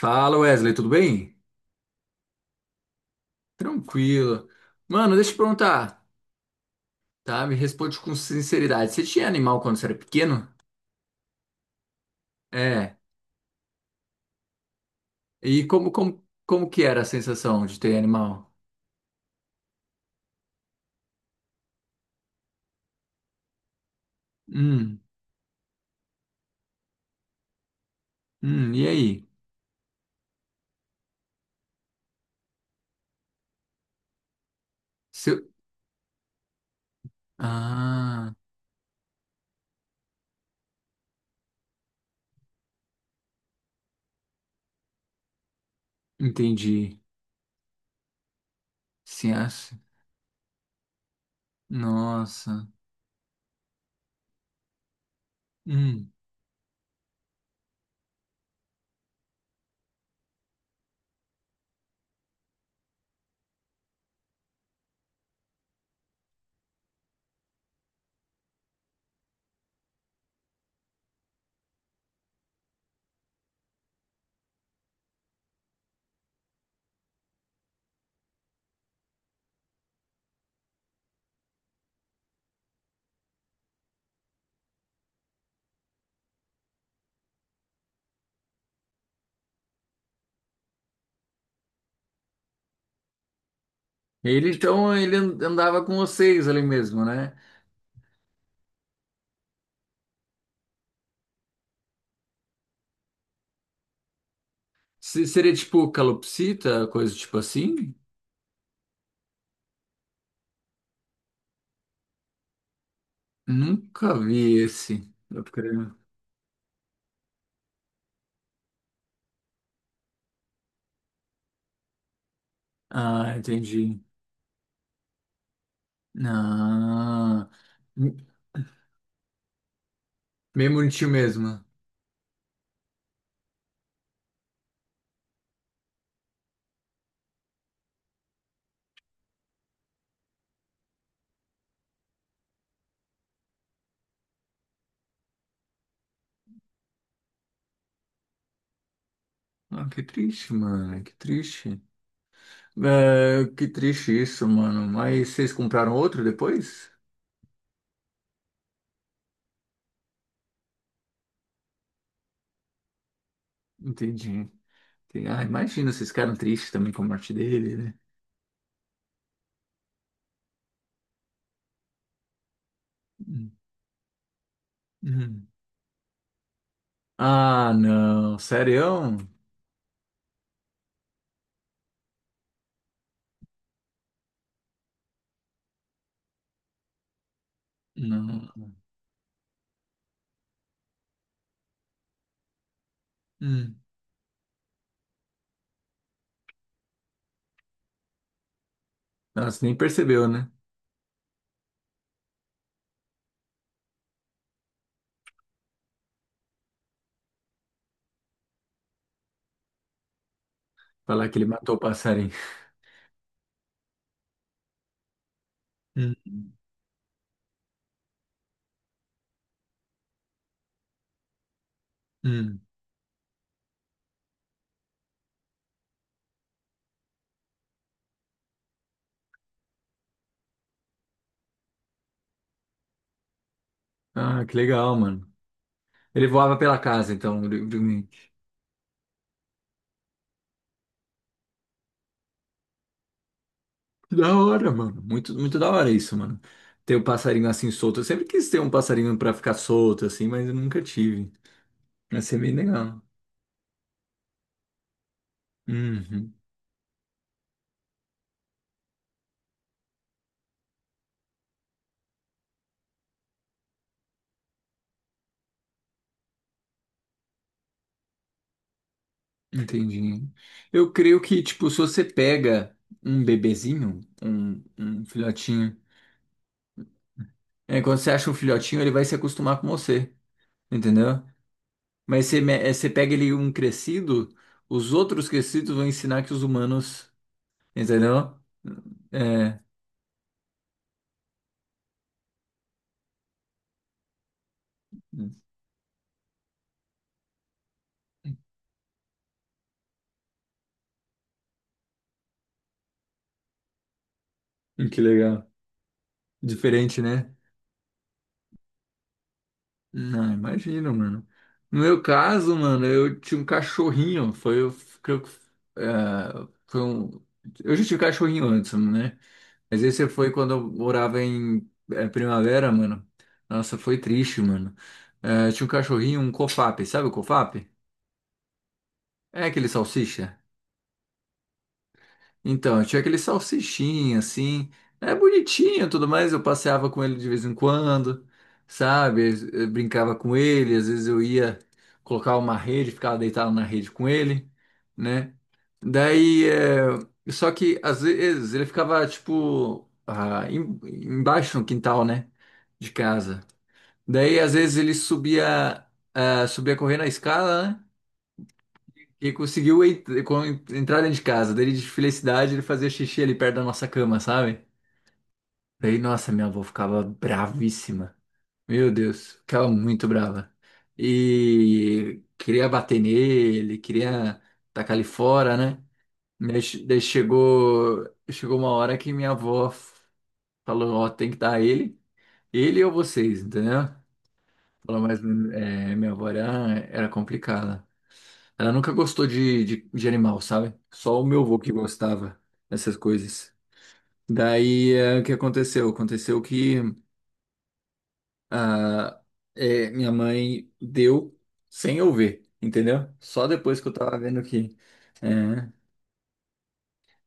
Fala Wesley, tudo bem? Tranquilo. Mano, deixa eu te perguntar, tá? Me responde com sinceridade. Você tinha animal quando você era pequeno? É. E como que era a sensação de ter animal? Hum, e aí? Seu... Ah, entendi. Sim, acho. Nossa. Hum. Então, ele andava com vocês ali mesmo, né? Seria tipo calopsita, coisa tipo assim? Nunca vi esse. Eu creio. Ah, entendi. Ah, m- Meio bonitinho mesmo. Ah, que triste, mano, que triste. É, que triste isso, mano. Mas vocês compraram outro depois? Entendi. Entendi. Ah, imagina, vocês ficaram tristes também com a morte dele, né? Hum, hum. Ah, não, sério? Não. Hum. Nossa, nem percebeu, né? Falar que ele matou o passarinho. Hum, hum. Ah, que legal, mano. Ele voava pela casa, então, livremente. Que da hora, mano. Muito, muito da hora isso, mano. Ter o passarinho assim solto. Eu sempre quis ter um passarinho pra ficar solto, assim, mas eu nunca tive. Vai ser bem legal. Uhum, entendi. Eu creio que, tipo, se você pega um bebezinho, um filhotinho, é, quando você acha um filhotinho, ele vai se acostumar com você, entendeu? Mas você pega ele um crescido, os outros crescidos vão ensinar que os humanos, entendeu? É, hum, que legal. Diferente, né? Não, imagina, mano. No meu caso, mano, eu tinha um cachorrinho. Foi, eu creio que, foi um. Eu já tive cachorrinho antes, né? Mas esse foi quando eu morava em Primavera, mano. Nossa, foi triste, mano. É, tinha um cachorrinho, um cofap, sabe o cofap? É aquele salsicha? Então, tinha aquele salsichinho, assim. É bonitinho e tudo mais. Eu passeava com ele de vez em quando, sabe? Eu brincava com ele. Às vezes eu ia colocar uma rede, ficava deitado na rede com ele, né? Daí, só que às vezes ele ficava, tipo, embaixo no quintal, né? De casa. Daí, às vezes ele subia correndo a escada, né? Que conseguiu entrar dentro de casa. Daí, de felicidade, ele fazia xixi ali perto da nossa cama, sabe? Daí, nossa, minha avó ficava bravíssima. Meu Deus, ficava muito brava. E queria bater nele, queria tacar ele fora, né? Daí chegou uma hora que minha avó falou, ó, tem que dar ele, ele ou vocês, entendeu? Falou, mas minha avó era complicada. Ela nunca gostou de animal, sabe? Só o meu avô que gostava dessas coisas. Daí, o que aconteceu? Aconteceu que ah, minha mãe deu sem eu ver, entendeu? Só depois que eu tava vendo que. É.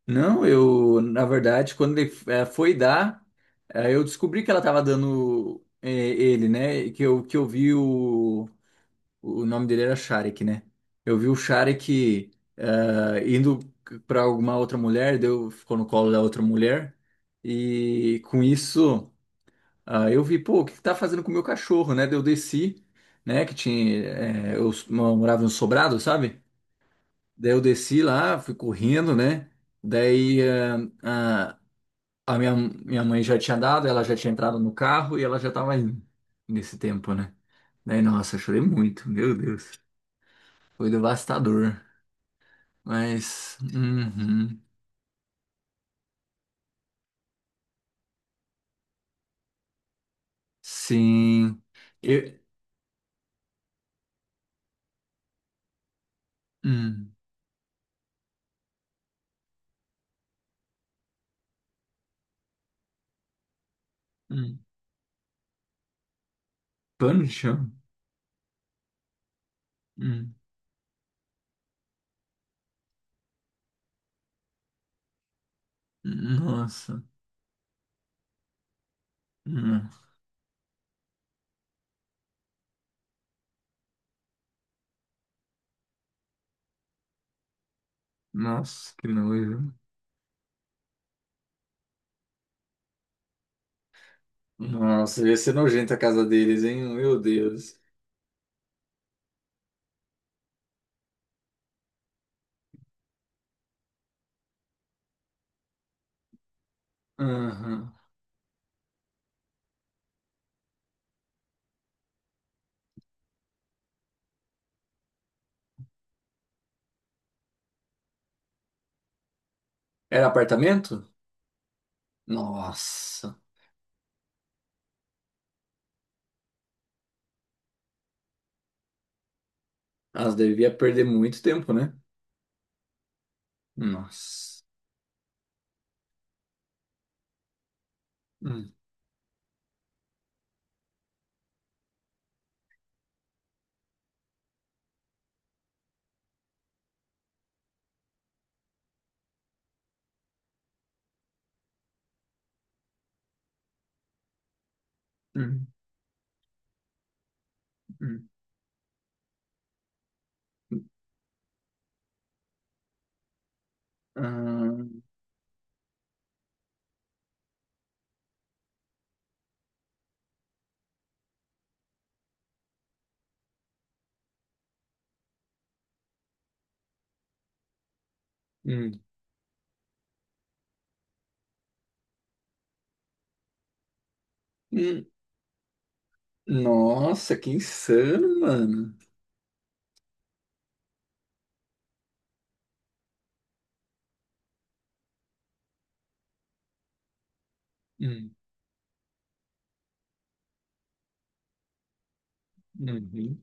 Não, eu, na verdade, quando ele foi dar, eu descobri que ela tava dando ele, né? Que eu vi o. O nome dele era Sharik, né? Eu vi o Sharik indo para alguma outra mulher, deu, ficou no colo da outra mulher, e com isso eu vi, pô, o que que tá fazendo com o meu cachorro, né? Daí eu desci, né? Que tinha, eh, eu s- morava em um sobrado, sabe? Daí eu desci lá, fui correndo, né? Daí ah, a minha mãe já tinha dado, ela já tinha entrado no carro e ela já tava indo nesse tempo, né? Daí, nossa, eu chorei muito, meu Deus. Foi devastador. Mas. Uhum, sim. Eu, hum, hum. Pano de chão? Hum, nossa. Hum, nossa, que nojo. Nossa, ia ser nojento a casa deles, hein? Meu Deus. Aham. Era apartamento? Nossa. Elas devia perder muito tempo, né? Nossa. Hum, hum, hum. Hum. Ah, hum, hum. Nossa, que insano, mano. Hum, uhum.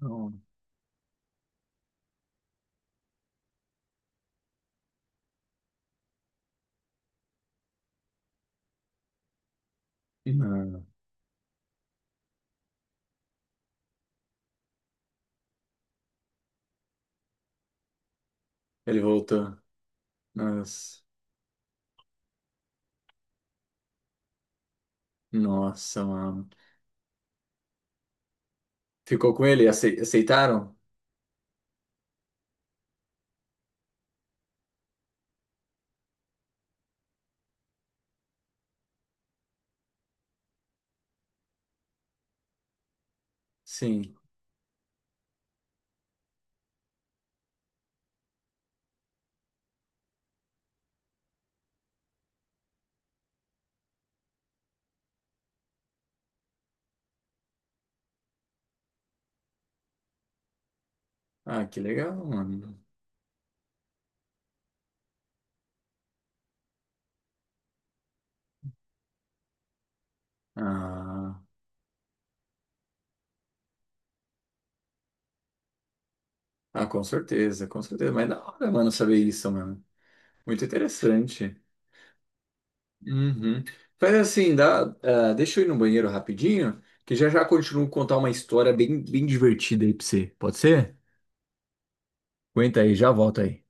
Não, e não. Ele voltou. Nossa, nossa, mano. Ficou com ele? Aceitaram? Sim. Ah, que legal, mano. Ah, ah, com certeza, com certeza. Mas é da hora, mano, saber isso, mano. Muito interessante. Uhum. Faz assim, dá, deixa eu ir no banheiro rapidinho, que já já continuo a contar uma história bem, bem divertida aí pra você. Pode ser? Aguenta aí, já volto aí.